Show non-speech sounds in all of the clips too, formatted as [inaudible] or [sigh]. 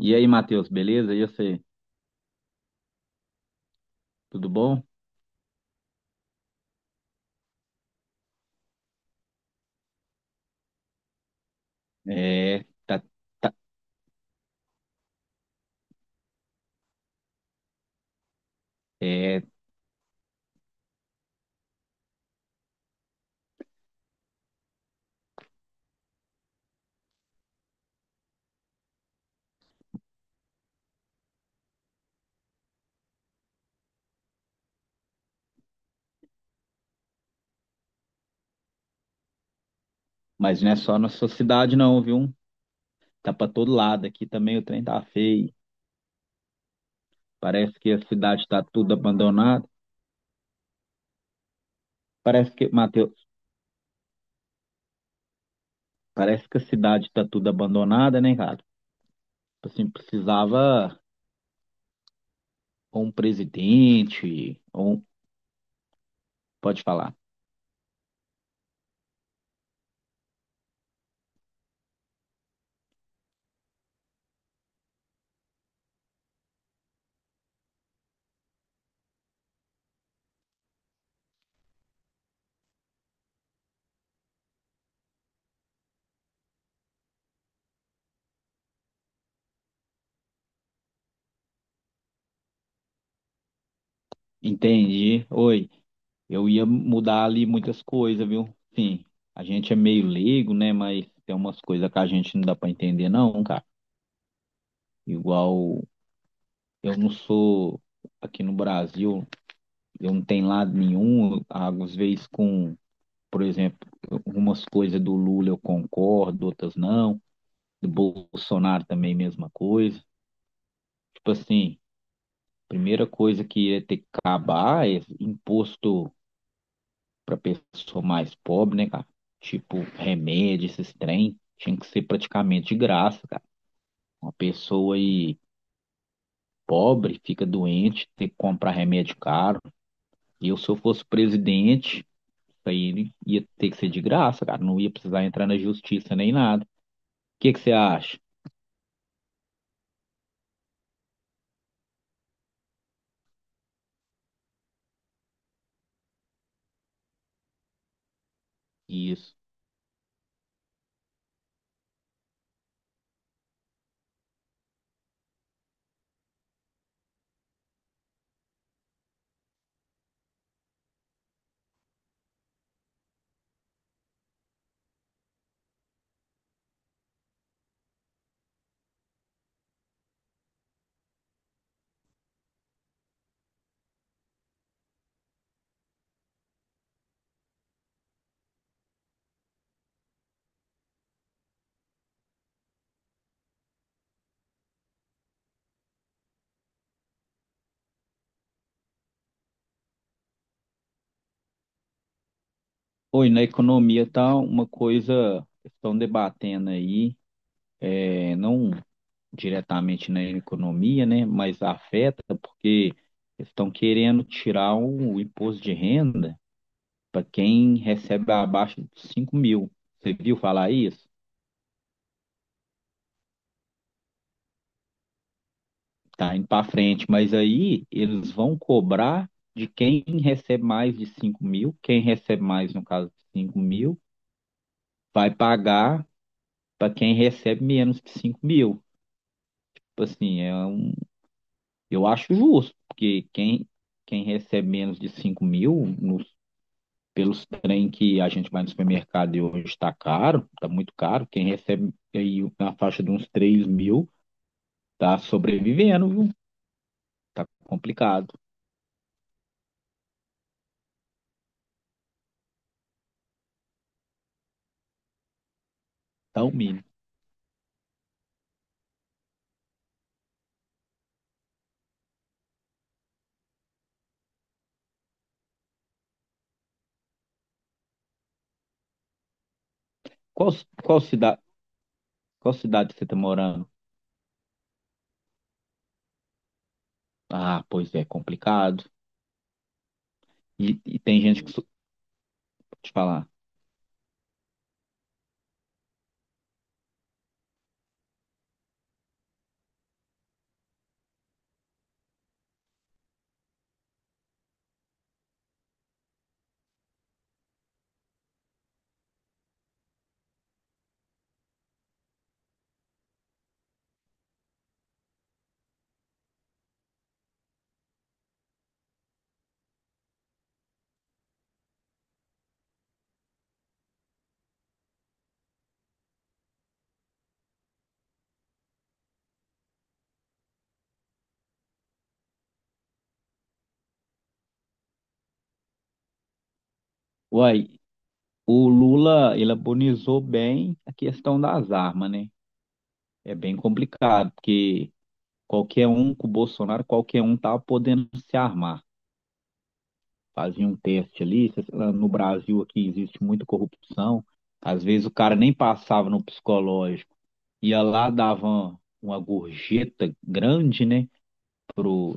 E aí, Matheus, beleza? E você? Tudo bom? É, tá. tá- É, mas não é só na sua cidade não, viu? Tá pra todo lado aqui também, o trem tá feio. Parece que a cidade tá tudo abandonada. Parece que, Matheus, parece que a cidade tá tudo abandonada, né, cara? Tipo assim, precisava ou um presidente, ou pode falar. Entendi. Oi, eu ia mudar ali muitas coisas, viu? Sim, a gente é meio leigo, né, mas tem umas coisas que a gente não dá pra entender não, cara. Igual eu não sou aqui no Brasil, eu não tenho lado nenhum, às vezes com, por exemplo, algumas coisas do Lula eu concordo, outras não, do Bolsonaro também mesma coisa. Tipo assim, primeira coisa que ia ter que acabar é imposto para pessoa mais pobre, né, cara? Tipo, remédio, esses trem, tinha que ser praticamente de graça, cara. Uma pessoa aí pobre fica doente, tem que comprar remédio caro. E eu, se eu fosse presidente, isso aí ele ia ter que ser de graça, cara. Não ia precisar entrar na justiça nem nada. O que que você acha? Isso. Oi, na economia tá uma coisa que estão debatendo aí, não diretamente na economia, né? Mas afeta porque estão querendo tirar o imposto de renda para quem recebe abaixo de 5 mil. Você viu falar isso? Tá indo para frente, mas aí eles vão cobrar de quem recebe mais de 5 mil, quem recebe mais, no caso de 5 mil, vai pagar para quem recebe menos de 5 mil. Tipo assim, eu acho justo, porque quem recebe menos de 5 mil, nos, pelos trem que a gente vai no supermercado e hoje está caro, está muito caro, quem recebe aí na faixa de uns 3 mil, tá sobrevivendo, viu? Tá complicado, tá o mínimo. Qual, qual cidade, Qual cidade você tá morando? Ah, pois é, complicado. E tem gente que te falar, uai, o Lula, ele abonizou bem a questão das armas, né? É bem complicado, porque qualquer um com o Bolsonaro, qualquer um tá podendo se armar. Fazia um teste ali, sei lá, no Brasil aqui existe muita corrupção. Às vezes o cara nem passava no psicológico, ia lá, dava uma gorjeta grande, né? pro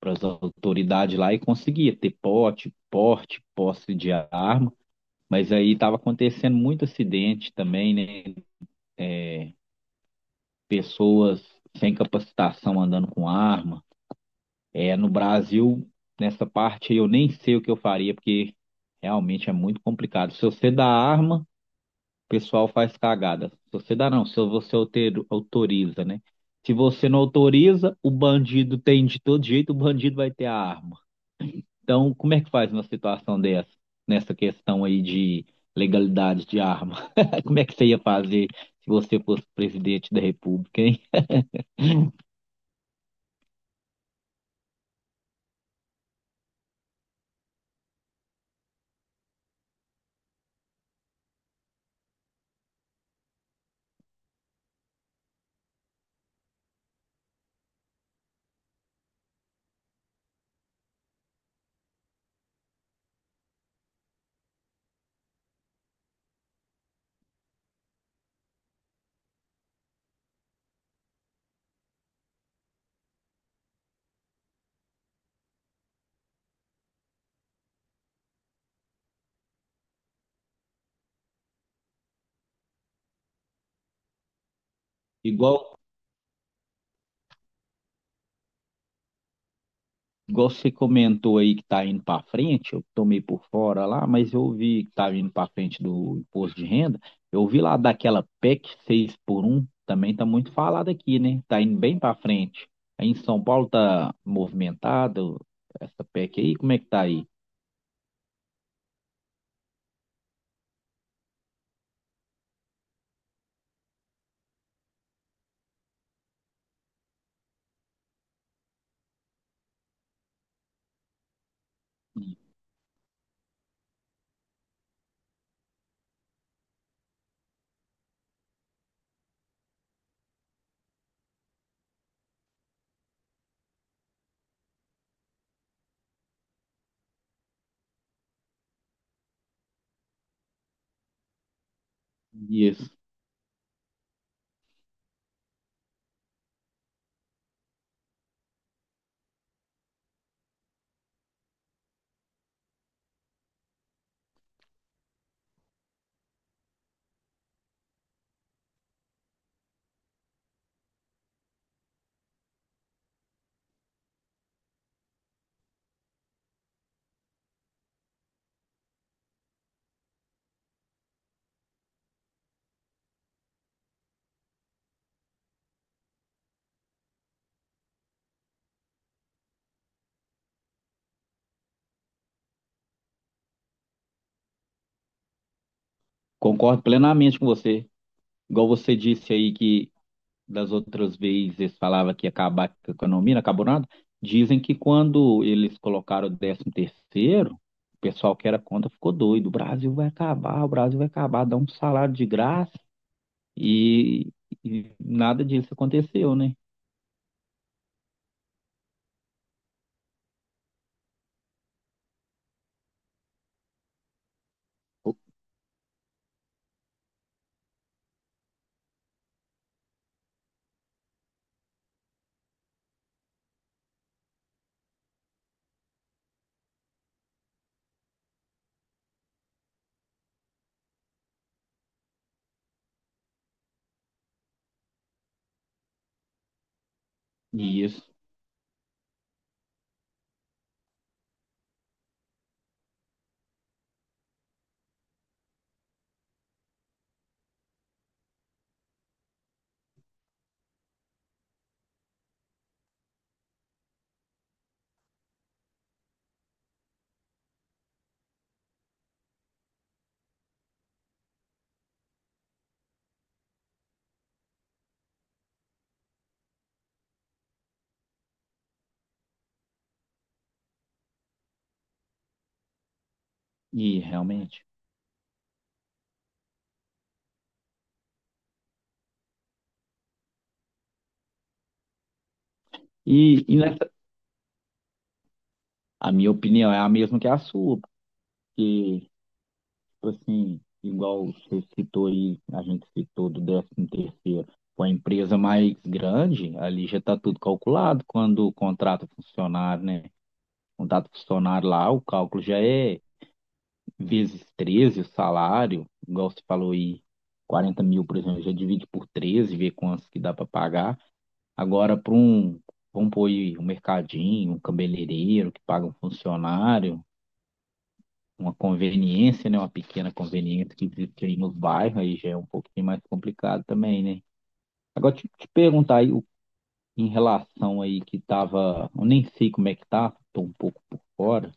para as autoridades lá e conseguia ter porte, posse de arma, mas aí estava acontecendo muito acidente também, né? Pessoas sem capacitação andando com arma. É, no Brasil, nessa parte eu nem sei o que eu faria, porque realmente é muito complicado. Se você dá arma, o pessoal faz cagada. Se você autoriza, né? Se você não autoriza, o bandido tem de todo jeito, o bandido vai ter a arma. Então, como é que faz uma situação dessa, nessa questão aí de legalidade de arma? [laughs] Como é que você ia fazer se você fosse presidente da República, hein? Igual, igual você comentou aí que tá indo para frente, eu tomei por fora lá, mas eu vi que tava indo para frente do imposto de renda. Eu vi lá daquela PEC 6 por um também tá muito falado aqui, né? Tá indo bem para frente. Aí em São Paulo tá movimentado essa PEC aí, como é que tá aí? Isso. Concordo plenamente com você. Igual você disse aí que das outras vezes falava que ia acabar com a economia, não acabou nada. Dizem que quando eles colocaram o décimo terceiro, o pessoal que era contra ficou doido. O Brasil vai acabar, o Brasil vai acabar, dá um salário de graça e, e nada disso aconteceu, né? E isso, e realmente. E, e nessa- a minha opinião é a mesma que a sua, porque tipo assim, igual você citou aí, a gente citou do 13 terceiro, com a empresa mais grande, ali já está tudo calculado quando contrata funcionário, né? Contrata funcionário lá, o cálculo já é vezes 13 o salário, igual você falou aí, 40 mil, por exemplo, já divide por 13 vê quantos que dá para pagar. Agora, vamos pôr aí um mercadinho, um cabeleireiro que paga um funcionário, uma conveniência, né? Uma pequena conveniência que existe aí no bairro, aí já é um pouquinho mais complicado também, né? Agora, te perguntar aí o- em relação aí que tava, eu nem sei como é que tá, tô um pouco por fora,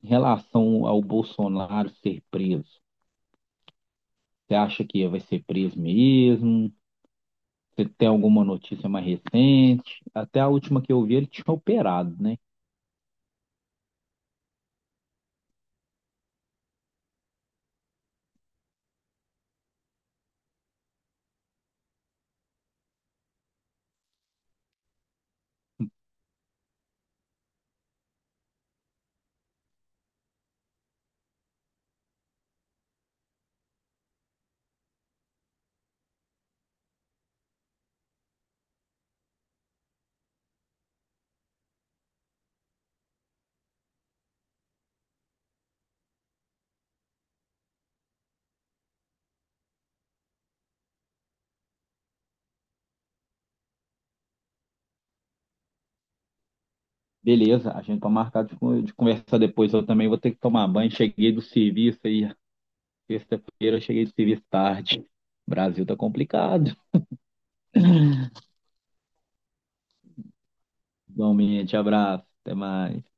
em relação ao Bolsonaro ser preso, você acha que vai ser preso mesmo? Você tem alguma notícia mais recente? Até a última que eu vi, ele tinha operado, né? Beleza, a gente tá marcado de, de conversar depois, eu também vou ter que tomar banho, cheguei do serviço aí, sexta-feira eu cheguei do serviço tarde. Brasil tá complicado. Igualmente, abraço, até mais.